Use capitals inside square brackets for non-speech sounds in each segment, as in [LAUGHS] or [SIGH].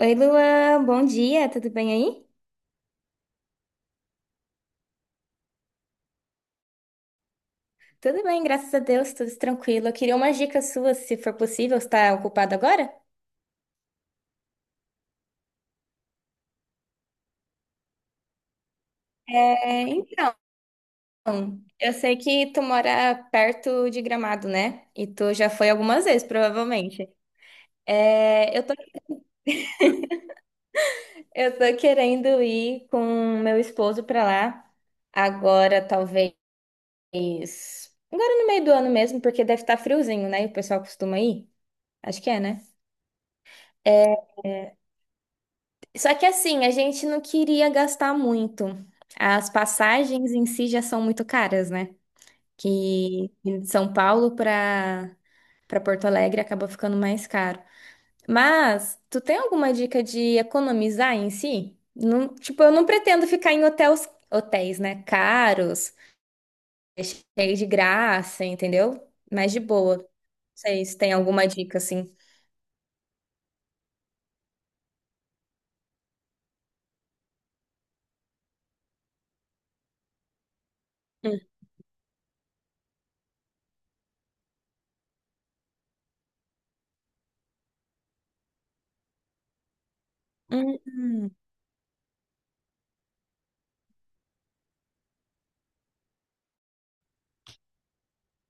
Oi, Luan, bom dia, tudo bem aí? Tudo bem, graças a Deus, tudo tranquilo. Eu queria umas dicas suas, se for possível, você está ocupado agora? É, então, eu sei que tu mora perto de Gramado, né? E tu já foi algumas vezes, provavelmente. É, eu tô, eu tô querendo ir com meu esposo pra lá agora, talvez. Agora no meio do ano mesmo, porque deve estar friozinho, né? E o pessoal costuma ir. Acho que é, né? É, só que assim, a gente não queria gastar muito. As passagens em si já são muito caras, né? Que de São Paulo para Porto Alegre acaba ficando mais caro. Mas tu tem alguma dica de economizar em si? Tipo, eu não pretendo ficar em hotéis, hotéis, né? Caros, cheio de graça, entendeu? Mas de boa. Não sei se tem alguma dica assim. Hum. Hum, hum.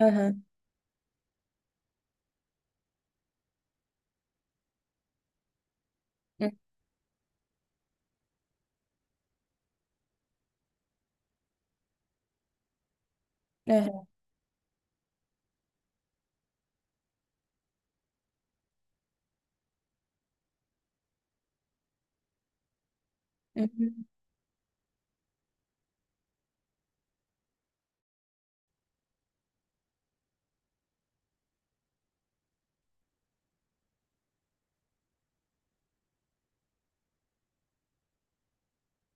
Aham, hum, aham, uhum.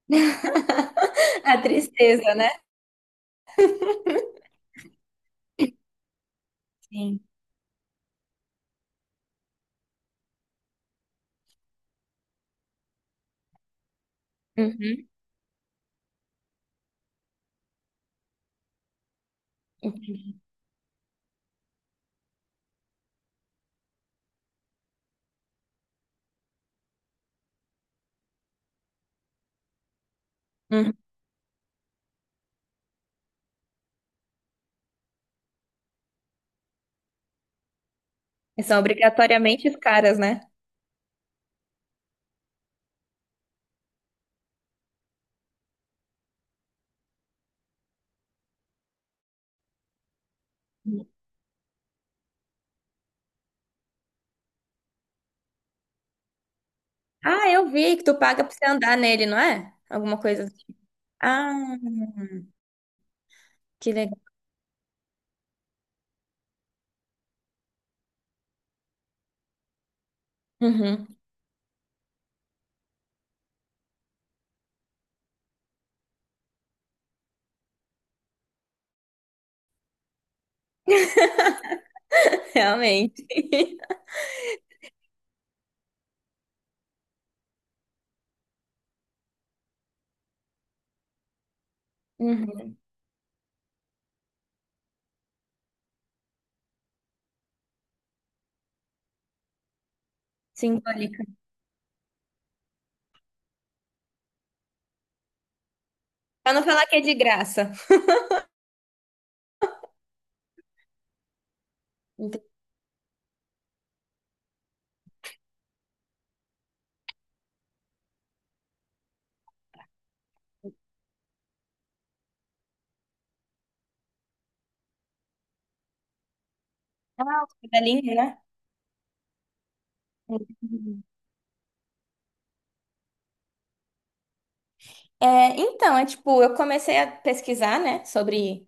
[LAUGHS] A tristeza, né? Sim. Uhum. Uhum. E são obrigatoriamente caras, né? Ah, eu vi que tu paga pra você andar nele, não é? Alguma coisa assim. Ah, que legal. Uhum. [LAUGHS] Realmente. Uhum. Simbólica. Pra não falar que é de graça. Entendi. Ah, o fio da linha, né? Uhum. É, então, é tipo, eu comecei a pesquisar, né, sobre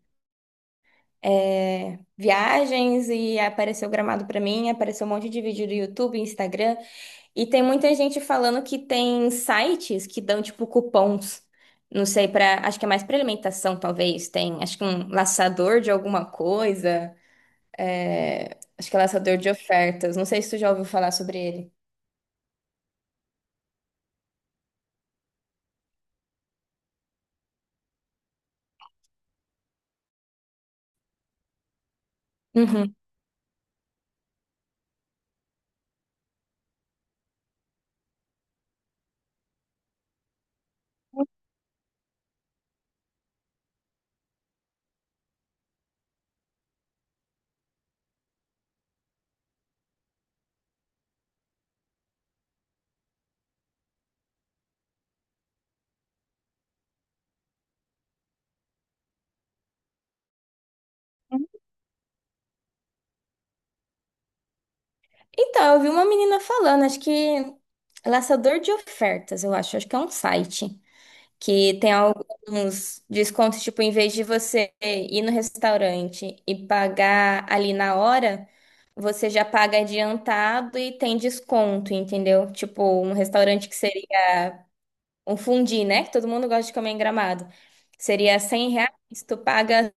é, viagens e apareceu Gramado pra mim, apareceu um monte de vídeo do YouTube, Instagram, e tem muita gente falando que tem sites que dão tipo cupons, não sei pra. Acho que é mais pra alimentação talvez, tem acho que um laçador de alguma coisa, é, acho que é laçador de ofertas, não sei se tu já ouviu falar sobre ele. Uhum. Então, eu vi uma menina falando, acho que é laçador de ofertas, eu acho, acho que é um site que tem alguns descontos, tipo, em vez de você ir no restaurante e pagar ali na hora, você já paga adiantado e tem desconto, entendeu? Tipo, um restaurante que seria um fundi, né? Que todo mundo gosta de comer em Gramado. Seria R$ 100, tu paga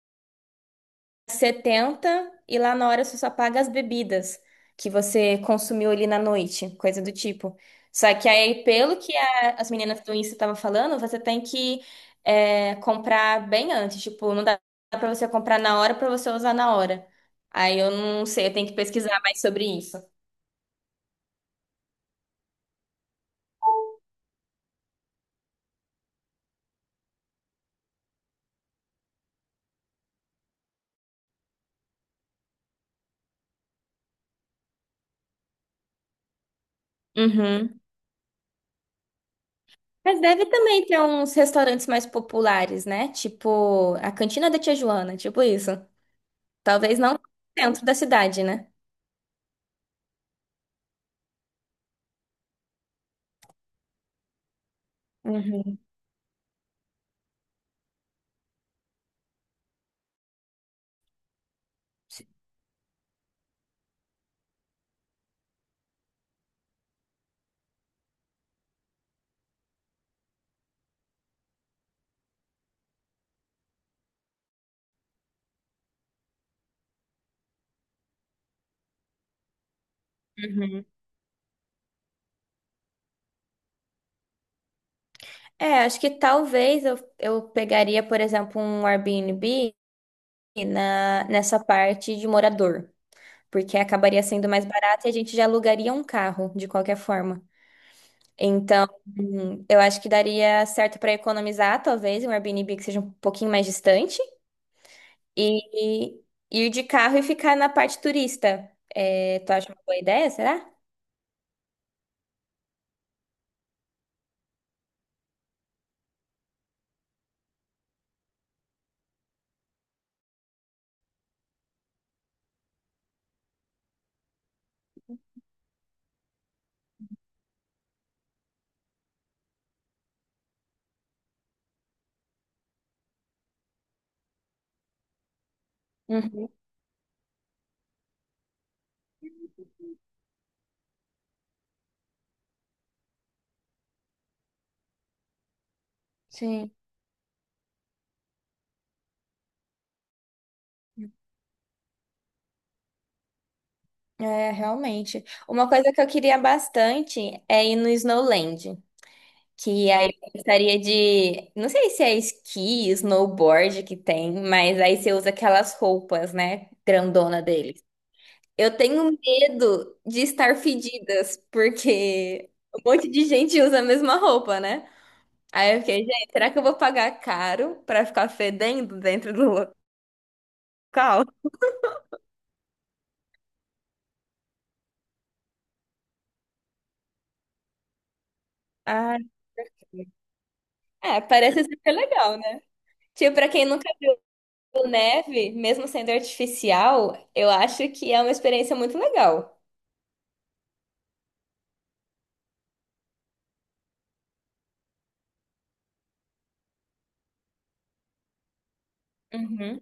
70 e lá na hora você só paga as bebidas que você consumiu ali na noite, coisa do tipo. Só que aí, pelo que as meninas do Insta estavam falando, você tem que é, comprar bem antes. Tipo, não dá pra você comprar na hora pra você usar na hora. Aí eu não sei, eu tenho que pesquisar mais sobre isso. Uhum. Mas deve também ter uns restaurantes mais populares, né? Tipo, a Cantina da Tia Joana, tipo isso. Talvez não dentro da cidade, né? Uhum. Uhum. É, acho que talvez eu pegaria, por exemplo, um Airbnb nessa parte de morador, porque acabaria sendo mais barato e a gente já alugaria um carro, de qualquer forma. Então, eu acho que daria certo para economizar, talvez, um Airbnb que seja um pouquinho mais distante e, e ir de carro e ficar na parte turista. É, tu acha uma boa ideia, será? Uhum. Sim. É, realmente. Uma coisa que eu queria bastante é ir no Snowland, que aí eu gostaria de, não sei se é esqui, snowboard que tem, mas aí você usa aquelas roupas, né, grandona deles. Eu tenho medo de estar fedidas, porque um monte de gente usa a mesma roupa, né? Aí eu fiquei, gente, será que eu vou pagar caro pra ficar fedendo dentro do local? Ah, é, parece super legal, né? Tipo, pra quem nunca. O neve, mesmo sendo artificial, eu acho que é uma experiência muito legal. Uhum.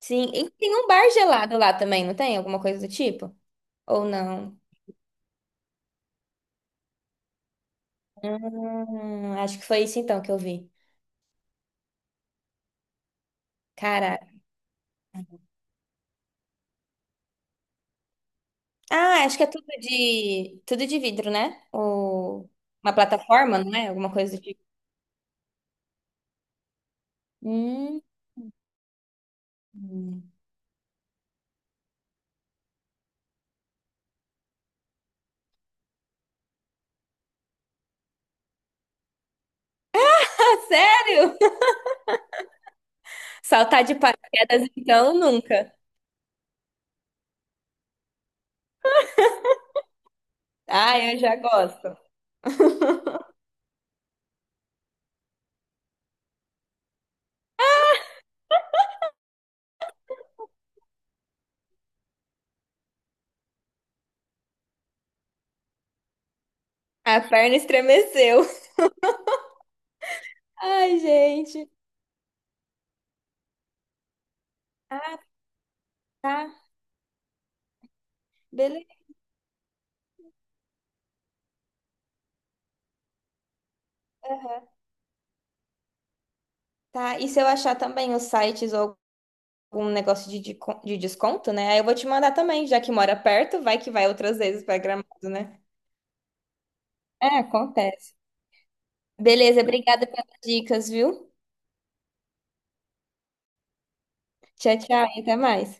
Sim, e tem um bar gelado lá também, não tem? Alguma coisa do tipo? Ou não? Acho que foi isso então que eu vi. Cara, ah, acho que é tudo de vidro, né? Ou uma plataforma, não é? Alguma coisa do tipo. Hum. [LAUGHS] Ah, sério? Saltar de paraquedas então nunca. Ah, eu já gosto. A perna estremeceu. [LAUGHS] Ai, gente. Ah, tá. Beleza, tá? E se eu achar também os sites ou algum negócio de desconto, né? Aí eu vou te mandar também, já que mora perto, vai que vai outras vezes pra Gramado, né? É, acontece. Beleza, obrigada pelas dicas, viu? Tchau, tchau e até mais.